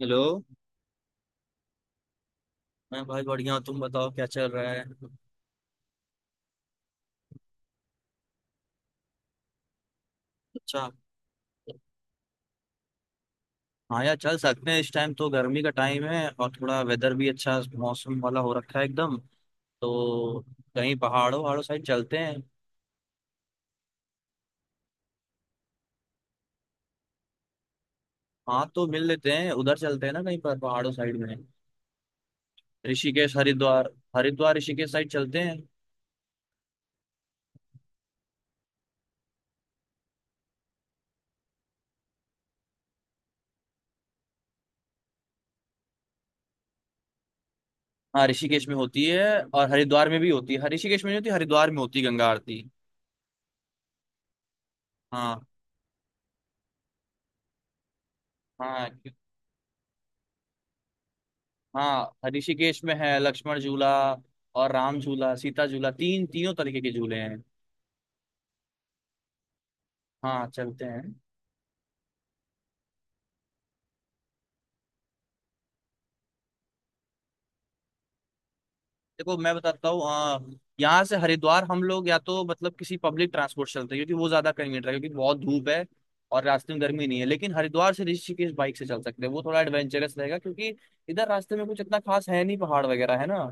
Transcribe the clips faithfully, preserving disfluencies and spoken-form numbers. Hello. मैं भाई बढ़िया हूँ, तुम बताओ क्या चल रहा है। अच्छा। हाँ यार चल सकते हैं इस टाइम तो गर्मी का टाइम है और थोड़ा वेदर भी अच्छा मौसम वाला हो रखा है एकदम। तो कहीं पहाड़ों वहाड़ों साइड चलते हैं। हाँ तो मिल लेते हैं उधर चलते हैं ना कहीं पर पहाड़ों साइड में। ऋषिकेश हरिद्वार। हरिद्वार ऋषिकेश साइड चलते हैं। हाँ ऋषिकेश में होती है और हरिद्वार में भी होती है। हाँ, ऋषिकेश में नहीं होती हरिद्वार में होती है गंगा आरती। हाँ हाँ। हाँ ऋषिकेश में है लक्ष्मण झूला। और राम झूला सीता झूला तीन तीनों तरीके के झूले हैं। हाँ चलते हैं। देखो मैं बताता हूँ, अ, यहाँ से हरिद्वार हम लोग या तो मतलब किसी पब्लिक ट्रांसपोर्ट चलते हैं क्योंकि वो ज्यादा कन्वीनियंट है क्योंकि बहुत धूप है और रास्ते में गर्मी नहीं है, लेकिन हरिद्वार से ऋषिकेश बाइक से चल सकते हैं, वो थोड़ा एडवेंचरस रहेगा क्योंकि इधर रास्ते में कुछ इतना खास है नहीं, पहाड़ वगैरह है ना।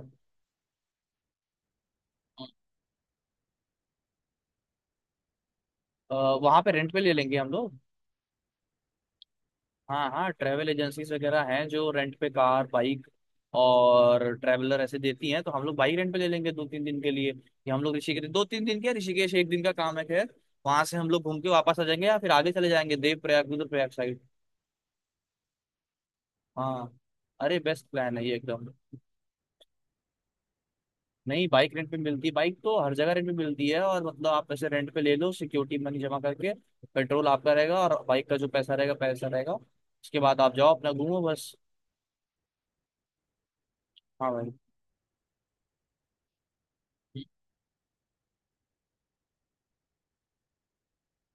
वहां पे रेंट पे ले लेंगे हम लोग। हाँ हाँ, ट्रैवल एजेंसीज वगैरह हैं जो रेंट पे कार बाइक और ट्रैवलर ऐसे देती हैं, तो हम लोग बाइक रेंट पे ले लेंगे दो तीन दिन के लिए कि हम लोग ऋषिकेश दो तीन दिन, क्या ऋषिकेश एक दिन का काम है खैर। वहां से हम लोग घूम के वापस आ जाएंगे या फिर आगे चले जाएंगे देव प्रयाग रुद्रप्रयाग साइड। हाँ। अरे बेस्ट प्लान है ये एकदम। नहीं बाइक रेंट पे मिलती है, बाइक तो हर जगह रेंट पे मिलती है और मतलब आप ऐसे रेंट पे ले लो सिक्योरिटी मनी जमा करके, पेट्रोल आपका रहेगा और बाइक का जो पैसा रहेगा पैसा रहेगा, उसके बाद आप जाओ अपना घूमो बस। हाँ भाई।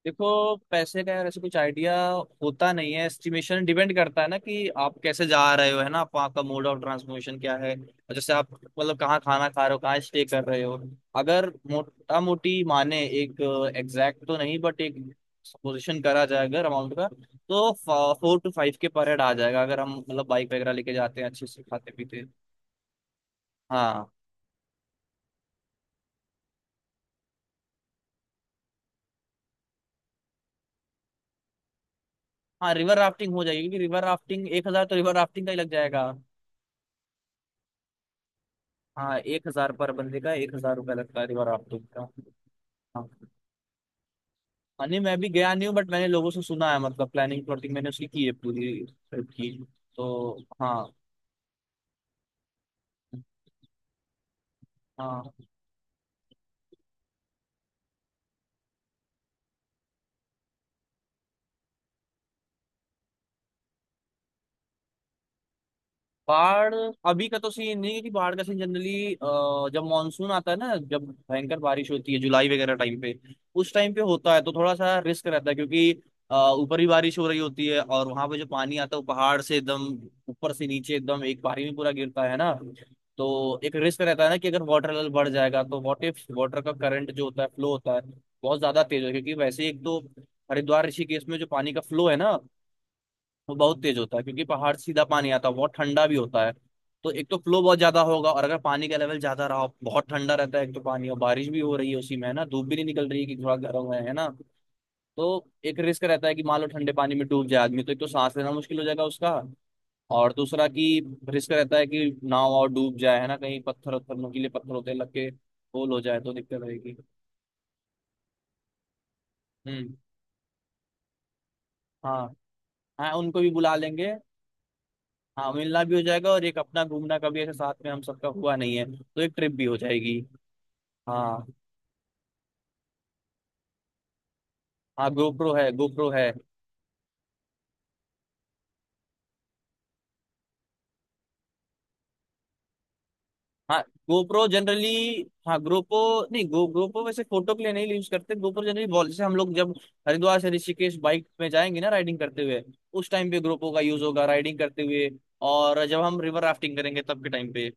देखो पैसे का यार ऐसे कुछ आइडिया होता नहीं है, एस्टिमेशन डिपेंड करता है ना कि आप कैसे जा रहे हो, है ना, आप वहाँ का मोड ऑफ ट्रांसपोर्टेशन क्या है और जैसे आप मतलब कहाँ खाना खा रहे हो, कहाँ स्टे कर रहे हो। अगर मोटा मोटी माने, एक एग्जैक्ट तो नहीं बट एक सपोजिशन करा जाए अगर अमाउंट का, तो four to five K per head आ जाएगा अगर हम मतलब बाइक वगैरह लेके जाते हैं अच्छे से खाते पीते। हाँ हाँ, रिवर राफ्टिंग हो जाएगी क्योंकि रिवर राफ्टिंग एक हजार, तो रिवर राफ्टिंग का ही लग जाएगा। हाँ, एक हजार पर बंदे का, एक हजार रुपया लगता है रिवर राफ्टिंग का। हाँ हाँ, नहीं मैं भी गया नहीं हूँ बट मैंने लोगों से सुना है, मतलब प्लानिंग प्लॉटिंग मैंने उसकी की है पूरी ट्रिप की। तो हाँ। हाँ बाढ़ अभी का तो सीन नहीं है कि बाढ़ का सीन, जनरली जब मानसून आता है ना, जब भयंकर बारिश होती है जुलाई वगैरह टाइम पे, उस टाइम पे होता है, तो थोड़ा सा रिस्क रहता है क्योंकि अ, ऊपर ही बारिश हो रही होती है और वहां पे जो पानी आता है वो पहाड़ से एकदम ऊपर से नीचे एकदम एक बारी में पूरा गिरता है ना। तो एक रिस्क रहता है ना कि अगर वाटर लेवल बढ़ जाएगा तो व्हाट इफ वाटर का करंट जो होता है फ्लो होता है बहुत ज्यादा तेज है, क्योंकि वैसे ही एक तो हरिद्वार ऋषिकेश में जो पानी का फ्लो है ना वो बहुत तेज होता है, क्योंकि पहाड़ से सीधा पानी आता है, बहुत ठंडा भी होता है। तो एक तो फ्लो बहुत ज्यादा होगा और अगर पानी का लेवल ज्यादा रहा, बहुत ठंडा रहता है एक तो पानी, और बारिश भी हो रही है उसी में है ना, धूप भी नहीं निकल रही है कि थोड़ा गर्म है है ना। तो एक रिस्क रहता है कि मान लो ठंडे पानी में डूब जाए आदमी, तो एक तो सांस लेना मुश्किल हो जाएगा उसका। और दूसरा कि रिस्क रहता है कि नाव और डूब जाए, है ना, कहीं पत्थर वत्थर नुकीले पत्थर होते हैं, लग के होल हो जाए तो दिक्कत रहेगी। हम्म। हाँ। हाँ उनको भी बुला लेंगे। हाँ मिलना भी हो जाएगा, और एक अपना घूमना कभी ऐसे साथ में हम सबका हुआ नहीं है तो एक ट्रिप भी हो जाएगी। हाँ। हाँ गोप्रो है गोप्रो है। हाँ गोप्रो जनरली। हाँ GoPro, नहीं गो GoPro वैसे फोटो के लिए नहीं यूज करते, GoPro जनरली वॉल जैसे हम लोग जब हरिद्वार से ऋषिकेश बाइक में जाएंगे ना राइडिंग करते हुए, उस टाइम पे GoPro का यूज होगा राइडिंग करते हुए। और जब हम रिवर राफ्टिंग करेंगे तब के टाइम पे।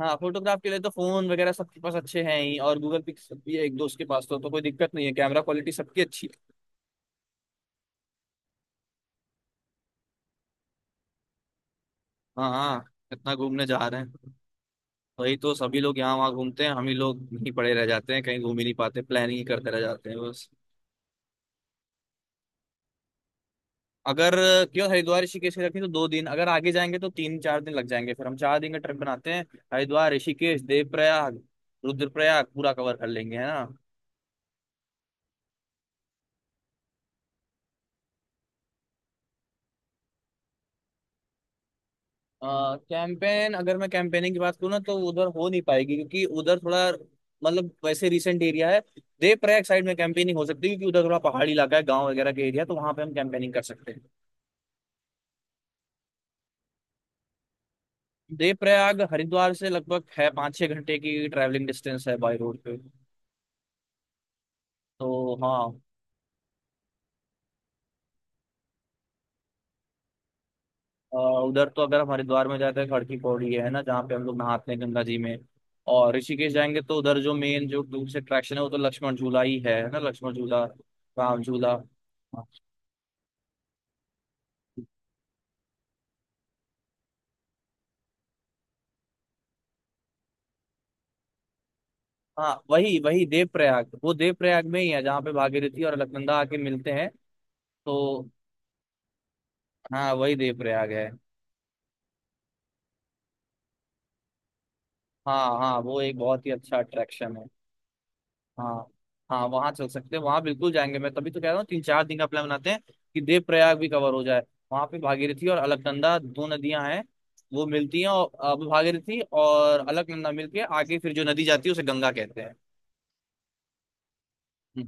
हाँ फोटोग्राफ के लिए तो फोन वगैरह सबके पास अच्छे हैं ही, और गूगल पिक्स भी है एक दोस्त के पास, तो, तो कोई दिक्कत नहीं है, कैमरा क्वालिटी सबकी अच्छी है। हाँ हाँ। इतना घूमने जा रहे हैं। वही तो सभी लोग यहाँ वहाँ घूमते हैं, हम ही लोग यहीं पड़े रह जाते हैं, कहीं घूम ही नहीं पाते, प्लानिंग ही करते रह जाते हैं बस। अगर क्यों हरिद्वार ऋषिकेश रखें तो दो दिन, अगर आगे जाएंगे तो तीन चार दिन लग जाएंगे, फिर हम चार दिन का ट्रिप बनाते हैं। हरिद्वार ऋषिकेश देवप्रयाग रुद्रप्रयाग पूरा कवर कर लेंगे, है ना। कैंपेन अगर मैं कैंपेनिंग की बात करूँ ना तो उधर हो नहीं पाएगी, क्योंकि उधर थोड़ा मतलब वैसे रिसेंट एरिया है। देवप्रयाग साइड में कैंपेनिंग हो सकती है क्योंकि उधर थोड़ा पहाड़ी इलाका है, गांव वगैरह के एरिया, तो वहां पे हम कैंपेनिंग कर सकते हैं। देव प्रयाग हरिद्वार से लगभग है पाँच छः घंटे की ट्रैवलिंग डिस्टेंस है बाई रोड पे। तो हाँ। अ, उधर तो अगर हम हरिद्वार में जाते हैं, खड़की की पौड़ी है ना जहाँ पे हम लोग नहाते हैं गंगा जी में, और ऋषिकेश जाएंगे तो उधर जो मेन जो दूर से अट्रैक्शन है वो तो लक्ष्मण झूला ही है ना, लक्ष्मण झूला राम झूला। हाँ वही वही देवप्रयाग, वो देवप्रयाग में ही है जहाँ पे भागीरथी और अलकनंदा आके मिलते हैं। तो हाँ, वही देवप्रयाग है। हाँ हाँ, वो एक बहुत ही अच्छा अट्रैक्शन है। हाँ। हाँ वहां चल सकते हैं, वहां बिल्कुल जाएंगे, मैं तभी तो कह रहा हूँ तीन चार दिन का प्लान बनाते हैं कि देव प्रयाग भी कवर हो जाए। वहां पे भागीरथी और अलकनंदा दो नदियां हैं, वो मिलती हैं, और अब भागीरथी और अलकनंदा मिलके आगे फिर जो नदी जाती है उसे गंगा कहते हैं। हम्म।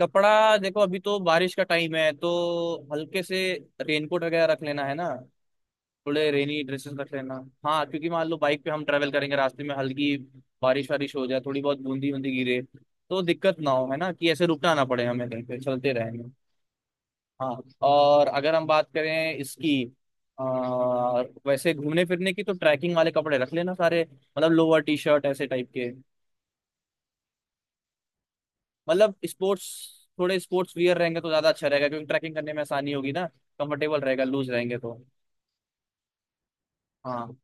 कपड़ा देखो अभी तो बारिश का टाइम है, तो हल्के से रेनकोट वगैरह रख लेना है ना, थोड़े रेनी ड्रेसेस रख लेना। हाँ क्योंकि मान लो बाइक पे हम ट्रैवल करेंगे, रास्ते में हल्की बारिश वारिश हो जाए, थोड़ी बहुत बूंदी बूंदी गिरे, तो दिक्कत ना हो, है ना, कि ऐसे रुकना ना पड़े हमें, कहीं पे चलते रहेंगे। हाँ। और अगर हम बात करें इसकी, आ, वैसे घूमने फिरने की, तो ट्रैकिंग वाले कपड़े रख लेना सारे, मतलब लोअर टी शर्ट ऐसे टाइप के, मतलब स्पोर्ट्स, थोड़े स्पोर्ट्स वियर रहेंगे तो ज्यादा अच्छा रहेगा, क्योंकि ट्रैकिंग करने में आसानी होगी ना, कंफर्टेबल रहेगा लूज रहेंगे तो। हाँ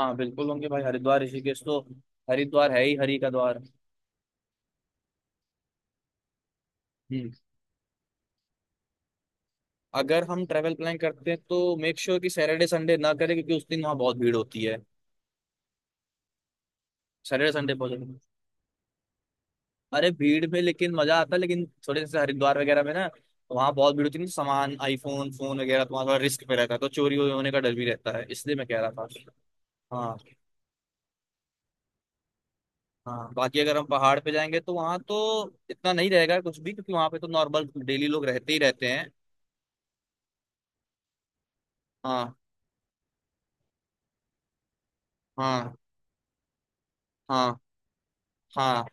हाँ बिल्कुल होंगे भाई, हरिद्वार ऋषिकेश तो हरिद्वार है ही हरि का द्वार। हम्म अगर हम ट्रेवल प्लान करते हैं तो मेक श्योर कि सैटरडे संडे ना करें, क्योंकि उस दिन वहाँ बहुत भीड़ होती है। सैटरडे संडे बहुत, अरे भीड़ में लेकिन मजा आता है, लेकिन थोड़े जैसे हरिद्वार वगैरह में ना वहाँ बहुत भीड़ होती है ना, सामान आईफोन फोन वगैरह तो वहाँ थोड़ा रिस्क पे रहता है, तो चोरी होने का डर भी रहता है, इसलिए मैं कह रहा था। हाँ। हाँ बाकी अगर हम पहाड़ पे जाएंगे तो वहाँ तो इतना नहीं रहेगा कुछ भी, क्योंकि वहाँ पे तो नॉर्मल डेली लोग रहते ही रहते हैं। हाँ। हाँ। हाँ। हाँ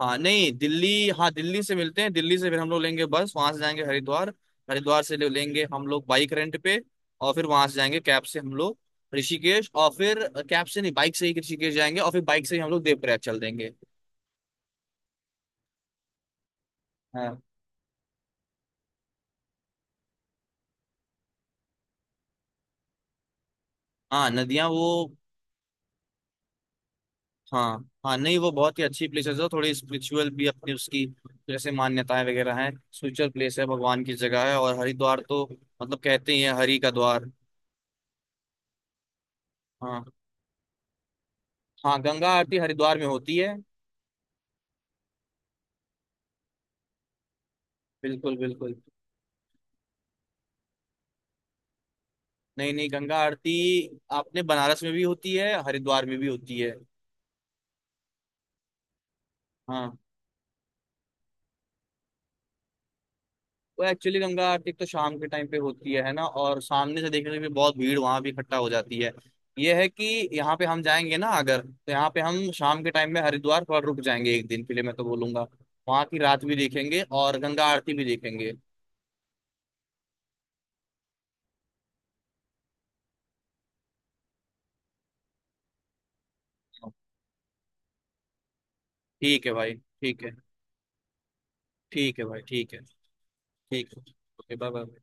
हाँ नहीं दिल्ली। हाँ दिल्ली से मिलते हैं, दिल्ली से फिर हम लोग लेंगे बस, वहां से जाएंगे हरिद्वार। हरिद्वार से ले- लेंगे हम लोग बाइक रेंट पे। और फिर वहां से जाएंगे कैब से हम लोग ऋषिकेश, और फिर कैब से नहीं बाइक से ही ऋषिकेश जाएंगे, और फिर बाइक से ही हम लोग देवप्रयाग चल देंगे। हाँ। हाँ नदियाँ वो। हाँ हाँ, नहीं वो बहुत ही अच्छी प्लेसेस है, थोड़ी स्पिरिचुअल भी अपनी उसकी जैसे मान्यताएं वगैरह हैं, स्पिरिचुअल प्लेस है, भगवान की जगह है, और हरिद्वार तो मतलब कहते ही है हरि का द्वार। हाँ हाँ, गंगा आरती हरिद्वार में होती है। बिल्कुल बिल्कुल। नहीं नहीं, गंगा आरती आपने बनारस में भी होती है, हरिद्वार में भी होती है। हाँ वो एक्चुअली गंगा आरती तो शाम के टाइम पे होती है है ना, और सामने से देखने में भी बहुत भीड़ वहां भी इकट्ठा हो जाती है। ये है कि यहाँ पे हम जाएंगे ना अगर, तो यहाँ पे हम शाम के टाइम में हरिद्वार पर रुक जाएंगे एक दिन के लिए, मैं तो बोलूंगा वहां की रात भी देखेंगे और गंगा आरती भी देखेंगे। ठीक है भाई ठीक है। ठीक है भाई ठीक है। ठीक है, ओके बाय बाय।